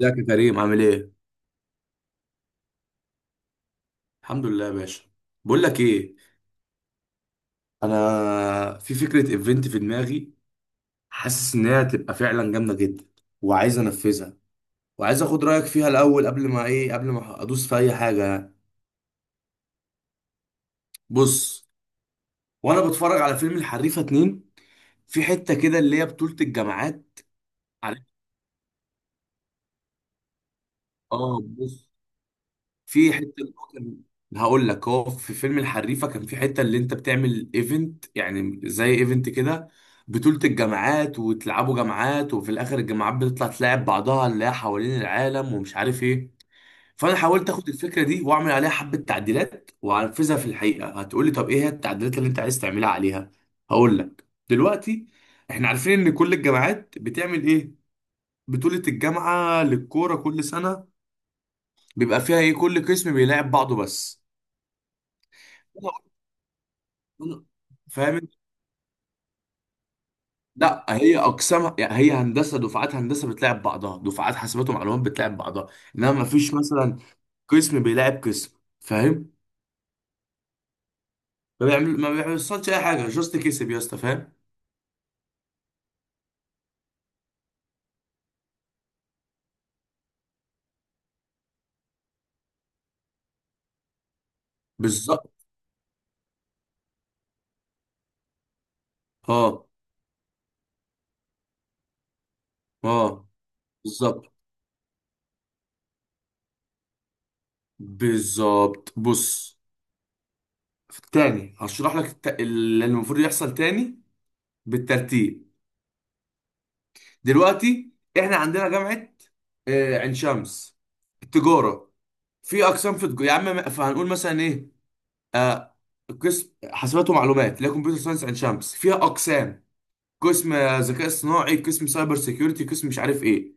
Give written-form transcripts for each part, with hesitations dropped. ازيك يا كريم؟ عامل ايه؟ الحمد لله يا باشا. بقول لك ايه، انا في فكره ايفنت في دماغي. حاسس ان هي هتبقى فعلا جامده جدا وعايز انفذها، وعايز اخد رايك فيها الاول قبل ما ايه قبل ما ادوس في اي حاجه يعني. بص، وانا بتفرج على فيلم الحريفه اتنين، في حته كده اللي هي بطوله الجامعات. عارف، اه بص، في حته اللي هو كان، هقول لك، هو في فيلم الحريفه كان في حته اللي انت بتعمل ايفنت يعني زي ايفنت كده، بطولة الجامعات، وتلعبوا جامعات، وفي الاخر الجامعات بتطلع تلاعب بعضها اللي هي حوالين العالم ومش عارف ايه. فانا حاولت اخد الفكره دي واعمل عليها حبه تعديلات وانفذها. في الحقيقه هتقولي طب ايه هي التعديلات اللي انت عايز تعملها عليها؟ هقول لك. دلوقتي احنا عارفين ان كل الجامعات بتعمل ايه، بطولة الجامعة للكورة كل سنة، بيبقى فيها ايه، كل قسم بيلاعب بعضه بس. أنا- فاهم، لا هي اقسامها يعني، هي هندسه دفعات، هندسه بتلاعب بعضها دفعات، حاسبات ومعلومات بتلاعب بعضها، انما ما فيش مثلا قسم بيلاعب قسم، فاهم. ما بيعمل، ما بيحصلش اي حاجه، جاست كسب يا اسطى، فاهم. بالظبط. اه اه. بالظبط بالظبط. بص، تاني هشرح لك اللي المفروض يحصل، تاني بالترتيب. دلوقتي احنا عندنا جامعه عين شمس، التجاره، في اقسام في التجاره يا عم، فهنقول مثلا ايه، آه قسم حاسبات ومعلومات اللي هي كمبيوتر ساينس اند شامبس، فيها اقسام، قسم ذكاء اصطناعي، قسم سايبر سيكيورتي، قسم مش عارف ايه،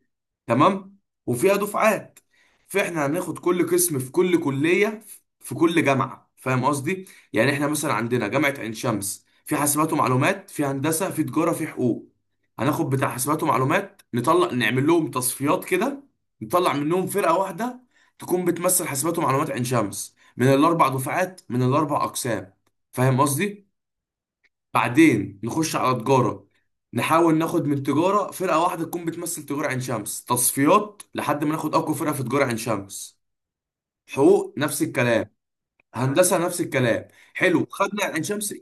تمام. وفيها دفعات. فاحنا هناخد كل قسم في كل كلية في كل جامعة، فاهم قصدي؟ يعني احنا مثلا عندنا جامعة عين شمس، في حاسبات ومعلومات، في هندسة، في تجارة، في حقوق. هناخد بتاع حاسبات ومعلومات، نطلع نعمل لهم تصفيات كده، نطلع منهم فرقة واحدة تكون بتمثل حاسبات ومعلومات عين شمس من الاربع دفعات من الاربع اقسام، فاهم قصدي؟ بعدين نخش على تجارة، نحاول ناخد من تجارة فرقة واحدة تكون بتمثل تجارة عين شمس، تصفيات لحد ما ناخد أقوى فرقة في تجارة عين شمس. حقوق نفس الكلام. هندسة نفس الكلام. حلو خدنا عين شمس.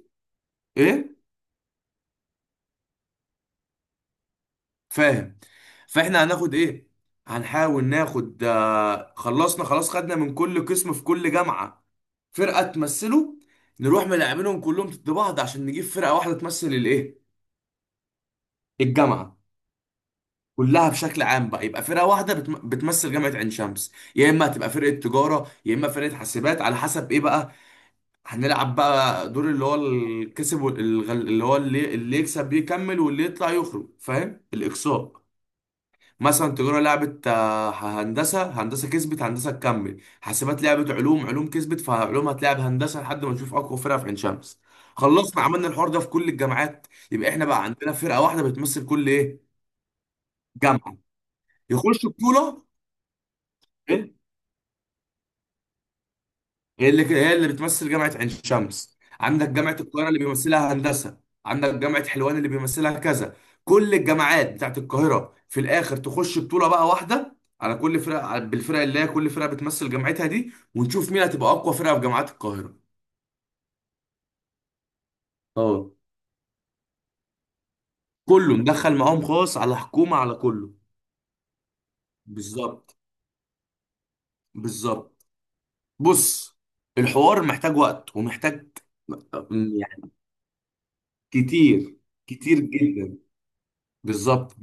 إيه. فاهم. فإحنا هناخد إيه، هنحاول ناخد خلصنا خلاص، خدنا من كل قسم في كل جامعة فرقة تمثله، نروح ملاعبينهم كلهم ضد بعض عشان نجيب فرقة واحدة تمثل الإيه، الجامعة كلها بشكل عام بقى. يبقى فرقه واحده بتمثل جامعه عين شمس، يا اما هتبقى فرقه تجاره يا اما فرقه حاسبات، على حسب ايه بقى. هنلعب بقى دور اللي هو الكسب اللي هو اللي يكسب يكمل واللي يطلع يخرج، فاهم، الاقصاء. مثلا تجاره لعبت هندسه هندسه كسبت، هندسه تكمل. حاسبات لعبت علوم، علوم كسبت، فعلوم هتلعب هندسه لحد ما نشوف اقوى فرقه في عين شمس. خلصنا عملنا الحوار ده في كل الجامعات. يبقى احنا بقى عندنا فرقه واحده بتمثل كل ايه، جامعه. يخش بطوله، هي اللي بتمثل جامعة عين شمس. عندك جامعة القاهرة اللي بيمثلها هندسة، عندك جامعة حلوان اللي بيمثلها كذا، كل الجامعات بتاعت القاهرة في الآخر تخش بطولة بقى واحدة على كل فرقة، بالفرق اللي هي كل فرقة بتمثل جامعتها دي، ونشوف مين هتبقى أقوى فرقة في جامعات القاهرة. اه. كله مدخل معاهم، خاص، على حكومة، على كله. بالظبط بالظبط. بص، الحوار محتاج وقت ومحتاج، يعني، كتير، كتير جدا. بالظبط،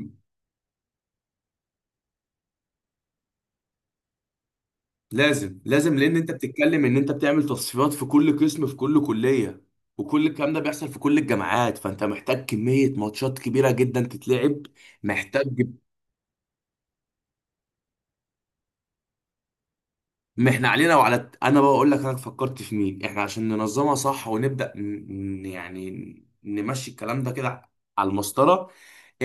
لازم لازم، لان انت بتتكلم ان انت بتعمل تصفيات في كل قسم في كل كليه، وكل الكلام ده بيحصل في كل الجامعات، فانت محتاج كميه ماتشات كبيره جدا تتلعب. محتاج، ما احنا علينا وعلى انا بقى اقول لك، انا فكرت في مين احنا عشان ننظمها صح ونبدا يعني نمشي الكلام ده كده على المسطره.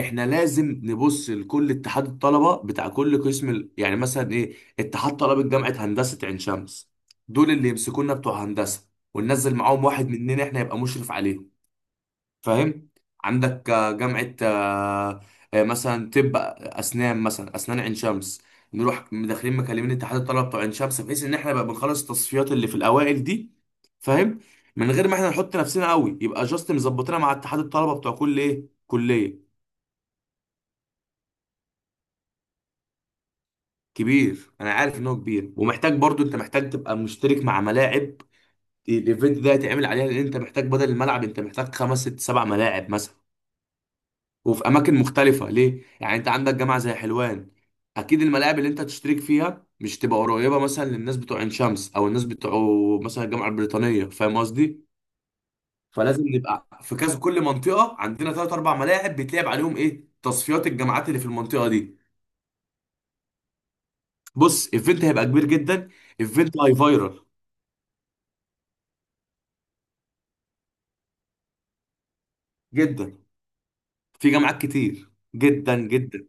احنا لازم نبص لكل اتحاد الطلبه بتاع كل قسم يعني مثلا ايه، اتحاد طلبه جامعه هندسه عين شمس، دول اللي يمسكونا بتوع هندسه، وننزل معاهم واحد مننا احنا يبقى مشرف عليهم، فاهم. عندك جامعه مثلا طب، اسنان مثلا، اسنان عين شمس، نروح داخلين مكلمين اتحاد الطلبه بتوع عين شمس، بحيث ان احنا بقى بنخلص التصفيات اللي في الاوائل دي، فاهم، من غير ما احنا نحط نفسنا قوي، يبقى جاست مظبطينها مع اتحاد الطلبه بتوع كل ايه، كليه. كبير، انا عارف ان هو كبير، ومحتاج برضو انت محتاج تبقى مشترك مع ملاعب. الايفنت ده هيتعمل عليها، لان انت محتاج بدل الملعب انت محتاج خمس ست سبع ملاعب مثلا، وفي اماكن مختلفه، ليه؟ يعني انت عندك جامعه زي حلوان، اكيد الملاعب اللي انت تشترك فيها مش تبقى قريبه مثلا للناس بتوع عين شمس، او الناس بتوع مثلا الجامعه البريطانيه، فاهم قصدي. فلازم نبقى في كذا، كل منطقه عندنا ثلاث اربع ملاعب بيتلعب عليهم ايه، تصفيات الجامعات اللي في المنطقه دي. بص، ايفنت هيبقى كبير جدا، ايفنت هاي فايرال جدا. في جامعات كتير، جدا جدا.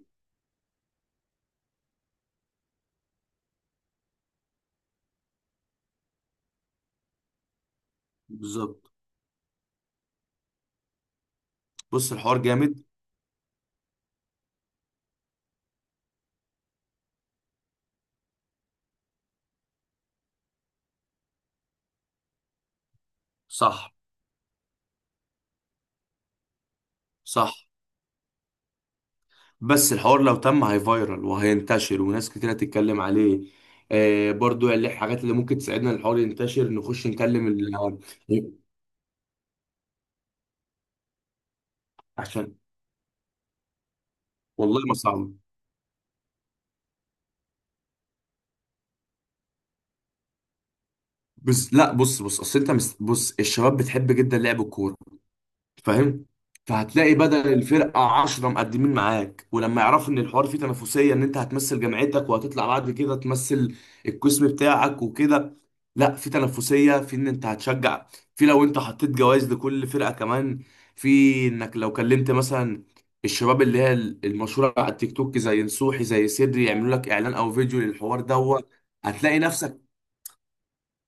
بالظبط. بص، الحوار جامد. صح. صح. بس الحوار لو تم هيفايرال وهينتشر، وناس كتير هتتكلم عليه. برضو اللي الحاجات اللي ممكن تساعدنا الحوار ينتشر، نخش نكلم ال، عشان، والله ما صعب. بس لا، بص بص، اصل انت بص، الشباب بتحب جدا لعب الكوره، فاهم، فهتلاقي بدل الفرقه 10 مقدمين معاك. ولما يعرفوا ان الحوار فيه تنافسيه، ان انت هتمثل جامعتك وهتطلع بعد كده تمثل القسم بتاعك وكده، لا، في تنافسيه في ان انت هتشجع، في لو انت حطيت جوائز لكل فرقه كمان، في انك لو كلمت مثلا الشباب اللي هي المشهوره على التيك توك زي نصوحي زي سدري يعملوا لك اعلان او فيديو للحوار دوت، هتلاقي نفسك،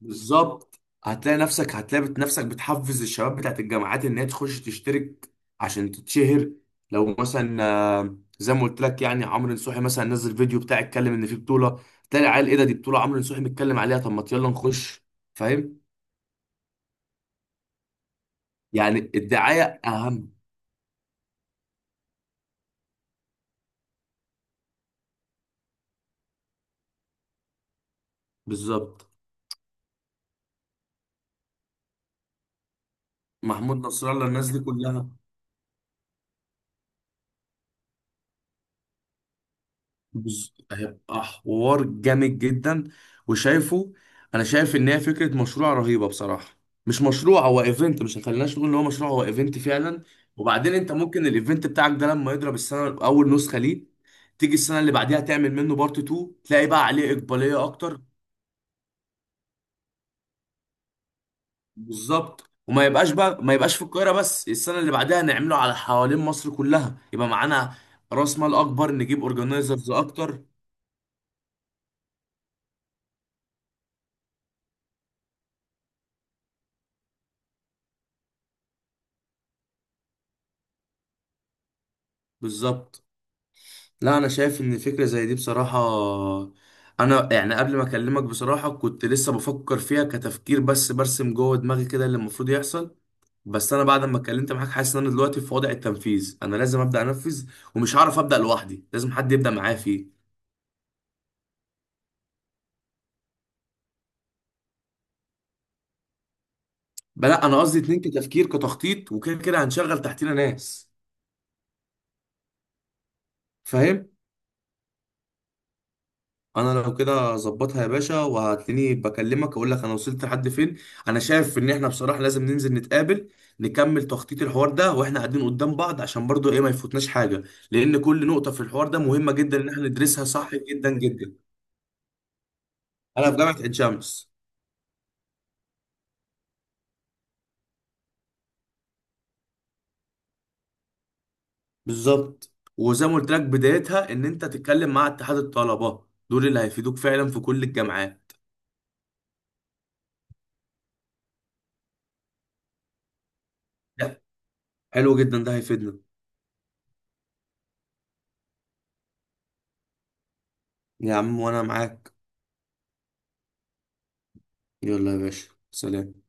بالظبط، هتلاقي نفسك، نفسك بتحفز الشباب بتاعت الجامعات ان هي تخش تشترك عشان تتشهر. لو مثلا، زي ما قلت لك يعني، عمرو نصوحي مثلا نزل فيديو بتاع، اتكلم ان في بطوله، تلاقي العيال، ايه ده، دي بطوله عمرو نصوحي متكلم عليها، طب ما يلا نخش، فاهم. يعني الدعايه اهم. بالظبط. محمود نصر الله، الناس دي كلها، هيبقى حوار جامد جدا. وشايفه، انا شايف ان هي فكره مشروع رهيبه بصراحه. مش مشروع، هو ايفنت، مش خليناش نقول ان هو مشروع، هو ايفنت فعلا. وبعدين انت ممكن الايفنت بتاعك ده لما يضرب السنه اول نسخه ليه، تيجي السنه اللي بعديها تعمل منه بارت 2، تلاقي بقى عليه اقباليه اكتر. بالظبط. وما يبقاش بقى، ما يبقاش في القاهره بس، السنه اللي بعدها نعمله على حوالين مصر كلها، يبقى معانا راس مال اكبر، نجيب اورجنايزرز اكتر. بالظبط. لا، انا شايف ان فكره زي دي بصراحه، انا يعني قبل ما اكلمك بصراحه كنت لسه بفكر فيها كتفكير بس، برسم جوه دماغي كده اللي المفروض يحصل. بس انا بعد ما اتكلمت معاك حاسس ان انا دلوقتي في وضع التنفيذ، انا لازم ابدا انفذ، ومش هعرف ابدا لوحدي، لازم حد يبدا معايا فيه. بلا، انا قصدي اتنين كتفكير كتخطيط، وكده كده هنشغل تحتنا ناس، فاهم. انا لو كده ظبطها يا باشا وهتلاقيني بكلمك اقول لك انا وصلت لحد فين. انا شايف ان احنا بصراحه لازم ننزل نتقابل، نكمل تخطيط الحوار ده واحنا قاعدين قدام بعض، عشان برضو ايه ما يفوتناش حاجه، لان كل نقطه في الحوار ده مهمه جدا ان احنا ندرسها صح، جدا جدا. انا في جامعه عين شمس. بالظبط، وزي ما قلت لك بدايتها ان انت تتكلم مع اتحاد الطلبه، دول اللي هيفيدوك فعلا في كل الجامعات. لا، حلو جدا، ده هيفيدنا. يا عم وانا معاك. يلا يا باشا، سلام.